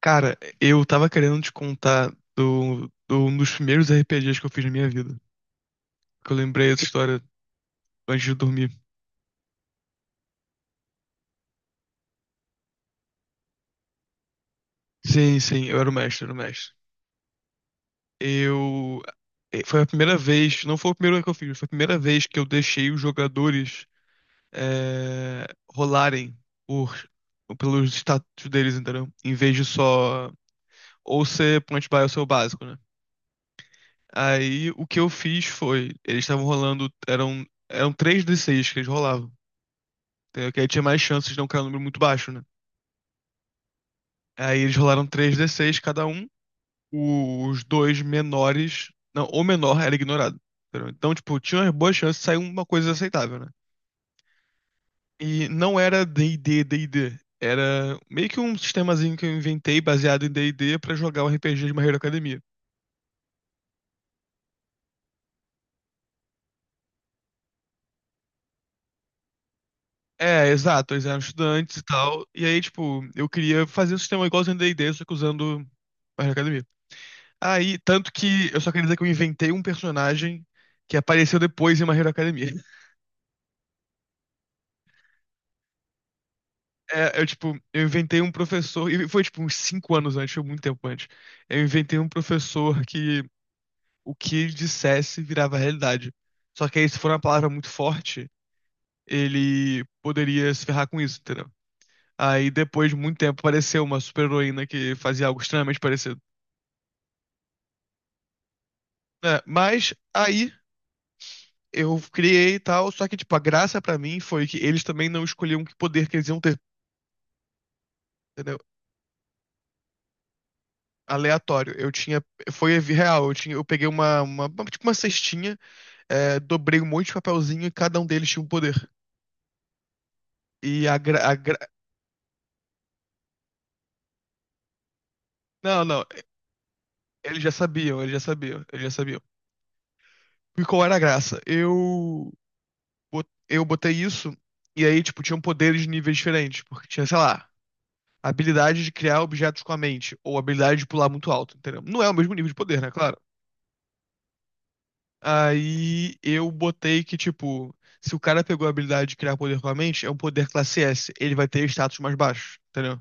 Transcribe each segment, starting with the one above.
Cara, eu tava querendo te contar do um dos primeiros RPGs que eu fiz na minha vida. Que eu lembrei essa história antes de dormir. Sim, sim, eu era o mestre, eu era o mestre. Eu. Foi a primeira vez, não foi o primeiro que eu fiz, foi a primeira vez que eu deixei os jogadores eh, rolarem por, pelos status deles, entendeu? Em vez de só ou ser point buy ou ser o básico, né? Aí o que eu fiz foi, eles estavam rolando, eram três d seis que eles rolavam. Entendeu? Que aí tinha mais chances de não cair um número muito baixo, né? Aí eles rolaram três d seis cada um. Os dois menores. Não, o menor era ignorado. Entendeu? Então, tipo, tinha uma boa chance de sair uma coisa aceitável, né? E não era D&D. Era meio que um sistemazinho que eu inventei baseado em D&D pra jogar o RPG de My Hero Academia. É, exato. Eles eram estudantes e tal. E aí, tipo, eu queria fazer um sistema igualzinho ao D&D, só que usando My Hero Academia. Aí, tanto que eu só queria dizer que eu inventei um personagem que apareceu depois em My Hero Academia. É, eu, tipo, eu inventei um professor, e foi, tipo, uns 5 anos antes, foi muito tempo antes. Eu inventei um professor que o que ele dissesse virava realidade. Só que aí, se for uma palavra muito forte, ele poderia se ferrar com isso, entendeu? Aí, depois de muito tempo, apareceu uma super-heroína que fazia algo extremamente parecido. Né? Mas aí eu criei e tal, só que, tipo, a graça pra mim foi que eles também não escolhiam que poder que eles iam ter. Entendeu? Aleatório. Eu tinha. Foi real. Eu peguei tipo uma cestinha, dobrei um monte de papelzinho e cada um deles tinha um poder. E a, gra, a gra- Não, não. Eles já sabiam, eles já sabiam, eles já sabiam. E qual era a graça? Eu botei isso, e aí, tipo, tinham poderes de níveis diferentes. Porque tinha, sei lá, a habilidade de criar objetos com a mente, ou a habilidade de pular muito alto, entendeu? Não é o mesmo nível de poder, né? Claro. Aí eu botei que, tipo, se o cara pegou a habilidade de criar poder com a mente, é um poder classe S. Ele vai ter status mais baixo, entendeu?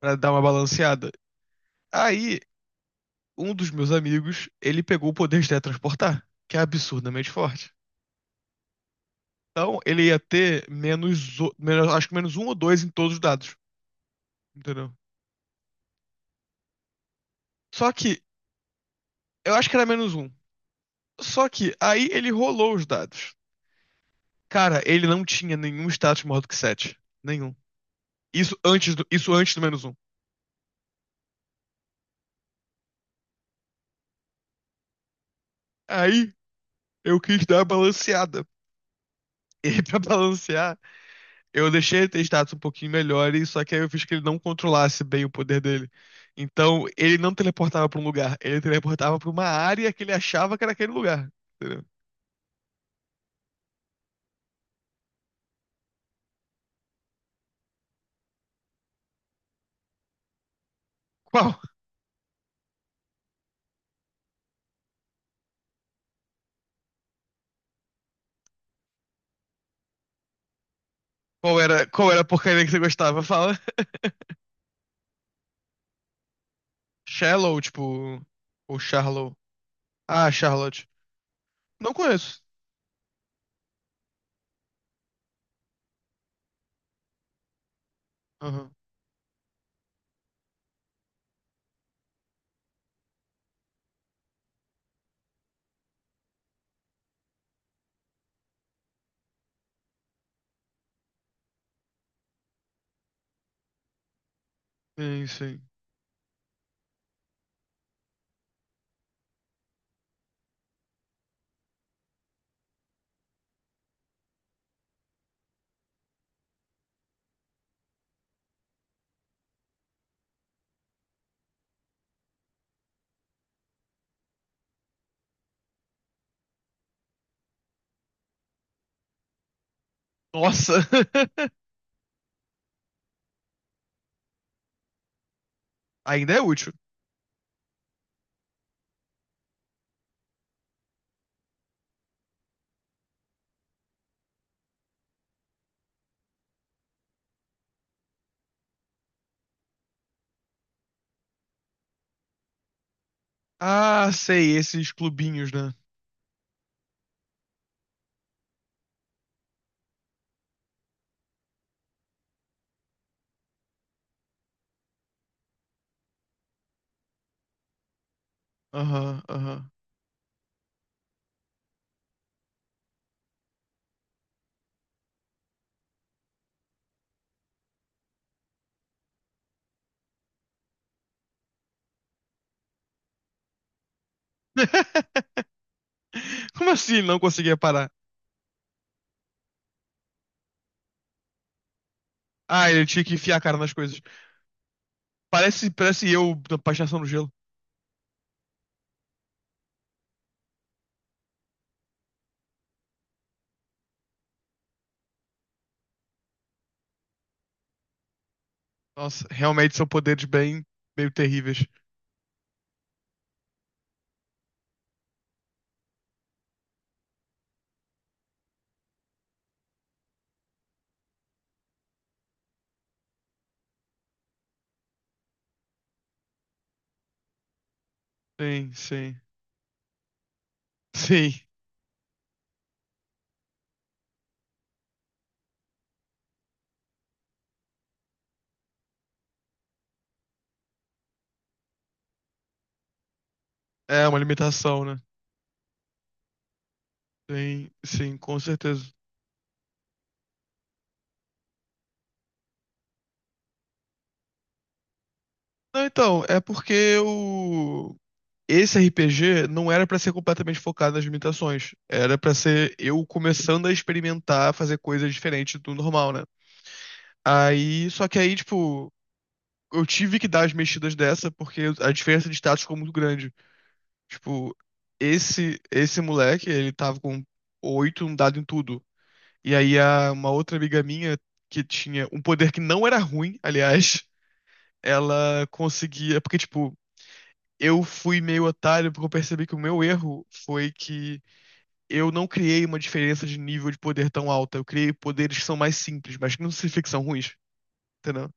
Pra dar uma balanceada. Aí, um dos meus amigos, ele pegou o poder de teletransportar, que é absurdamente forte. Então, ele ia ter menos, acho que menos um ou dois em todos os dados, entendeu? Só que, eu acho que era menos um. Só que, aí ele rolou os dados. Cara, ele não tinha nenhum status maior do que sete. Nenhum. Isso antes do menos um. Aí eu quis dar uma balanceada. E pra balancear, eu deixei ele ter status um pouquinho melhores, só que aí eu fiz que ele não controlasse bem o poder dele. Então, ele não teleportava pra um lugar, ele teleportava pra uma área que ele achava que era aquele lugar. Entendeu? Qual? Qual era a porcaria que você gostava? Fala. Shallow, tipo. Ou Charlow. Ah, Charlotte. Não conheço. Aham. Sim, sim. Nossa! Ainda é útil. Ah, sei, esses clubinhos, né? Aham, aham. Como assim não conseguia parar? Ah, ele tinha que enfiar a cara nas coisas. Parece, parece eu da patinação no gelo. Nossa, realmente são poderes bem, meio terríveis. Sim, sim. Sim. É uma limitação, né? Sim, sim, com certeza. Não, então, é porque esse RPG não era pra ser completamente focado nas limitações. Era pra ser eu começando a experimentar fazer coisas diferentes do normal, né? Aí, só que aí, tipo, eu tive que dar as mexidas dessa porque a diferença de status ficou muito grande. Tipo, esse moleque, ele tava com oito, um dado em tudo. E aí uma outra amiga minha que tinha um poder que não era ruim, aliás, ela conseguia, porque tipo, eu fui meio otário porque eu percebi que o meu erro foi que eu não criei uma diferença de nível de poder tão alta. Eu criei poderes que são mais simples, mas que não significa que são ruins, entendeu?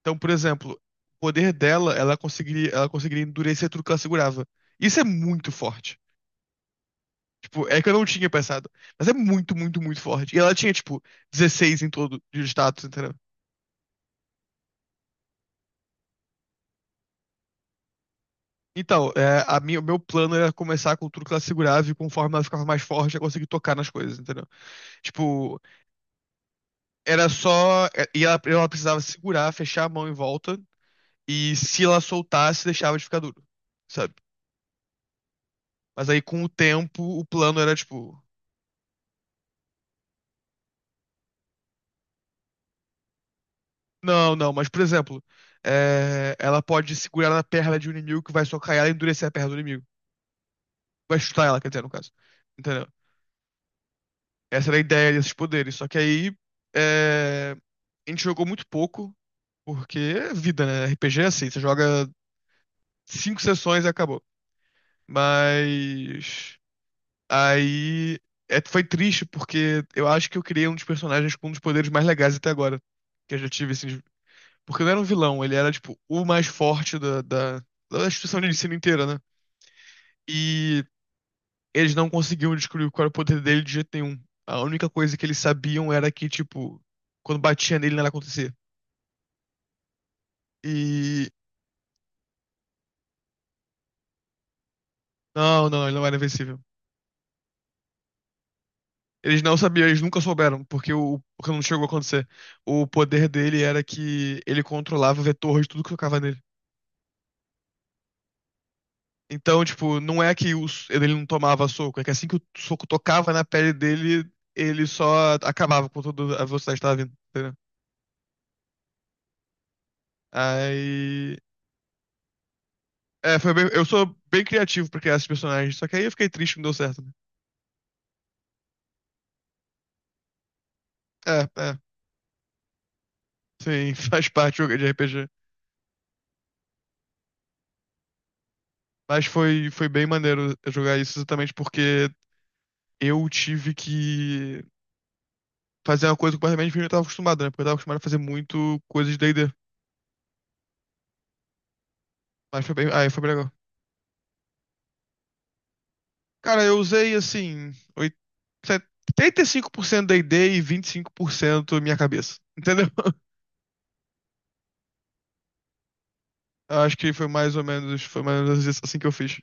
Então, por exemplo, o poder dela, ela conseguiria endurecer tudo que ela segurava. Isso é muito forte. Tipo, é que eu não tinha pensado. Mas é muito, muito, muito forte. E ela tinha, tipo, 16 em todo de status, entendeu? Então, o meu plano era começar com tudo que ela segurava e conforme ela ficava mais forte, eu conseguia tocar nas coisas, entendeu? Tipo, era só. E ela precisava segurar, fechar a mão em volta. E se ela soltasse, deixava de ficar duro, sabe? Mas aí, com o tempo, o plano era, tipo. Não, não, mas por exemplo, ela pode segurar na perna de um inimigo que vai socar ela e endurecer a perna do inimigo. Vai chutar ela, quer dizer, no caso. Entendeu? Essa era a ideia desses poderes. Só que aí é, a gente jogou muito pouco, porque é vida, né? RPG é assim, você joga cinco sessões e acabou. Mas aí foi triste, porque eu acho que eu criei um dos personagens com um dos poderes mais legais até agora. Que eu já tive, assim, porque não era um vilão, ele era, tipo, o mais forte da instituição de ensino inteira, né? E eles não conseguiam descobrir qual era o poder dele de jeito nenhum. A única coisa que eles sabiam era que, tipo, quando batia nele, nada acontecia. E. Não, não, ele não era invencível. Eles não sabiam, eles nunca souberam, porque não chegou a acontecer. O poder dele era que ele controlava o vetor de tudo que tocava nele. Então, tipo, não é que ele não tomava soco, é que assim que o soco tocava na pele dele, ele só acabava com toda a velocidade que tava vindo, entendeu? Aí. É, eu sou bem criativo pra criar esses personagens, só que aí eu fiquei triste que não deu certo, né? É, é. Sim, faz parte do jogo de RPG. Mas foi bem maneiro jogar isso exatamente porque eu tive que fazer uma coisa completamente diferente do que eu tava acostumado, né? Porque eu tava acostumado a fazer muito coisa de D&D. Mas foi bem. Aí foi bem legal. Cara, eu usei assim, oit- 75% da ideia e 25% minha cabeça. Entendeu? Acho que foi mais ou menos isso assim que eu fiz.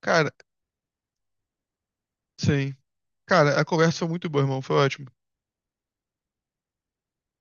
Cara, sim. Cara, a conversa foi muito boa, irmão. Foi ótimo.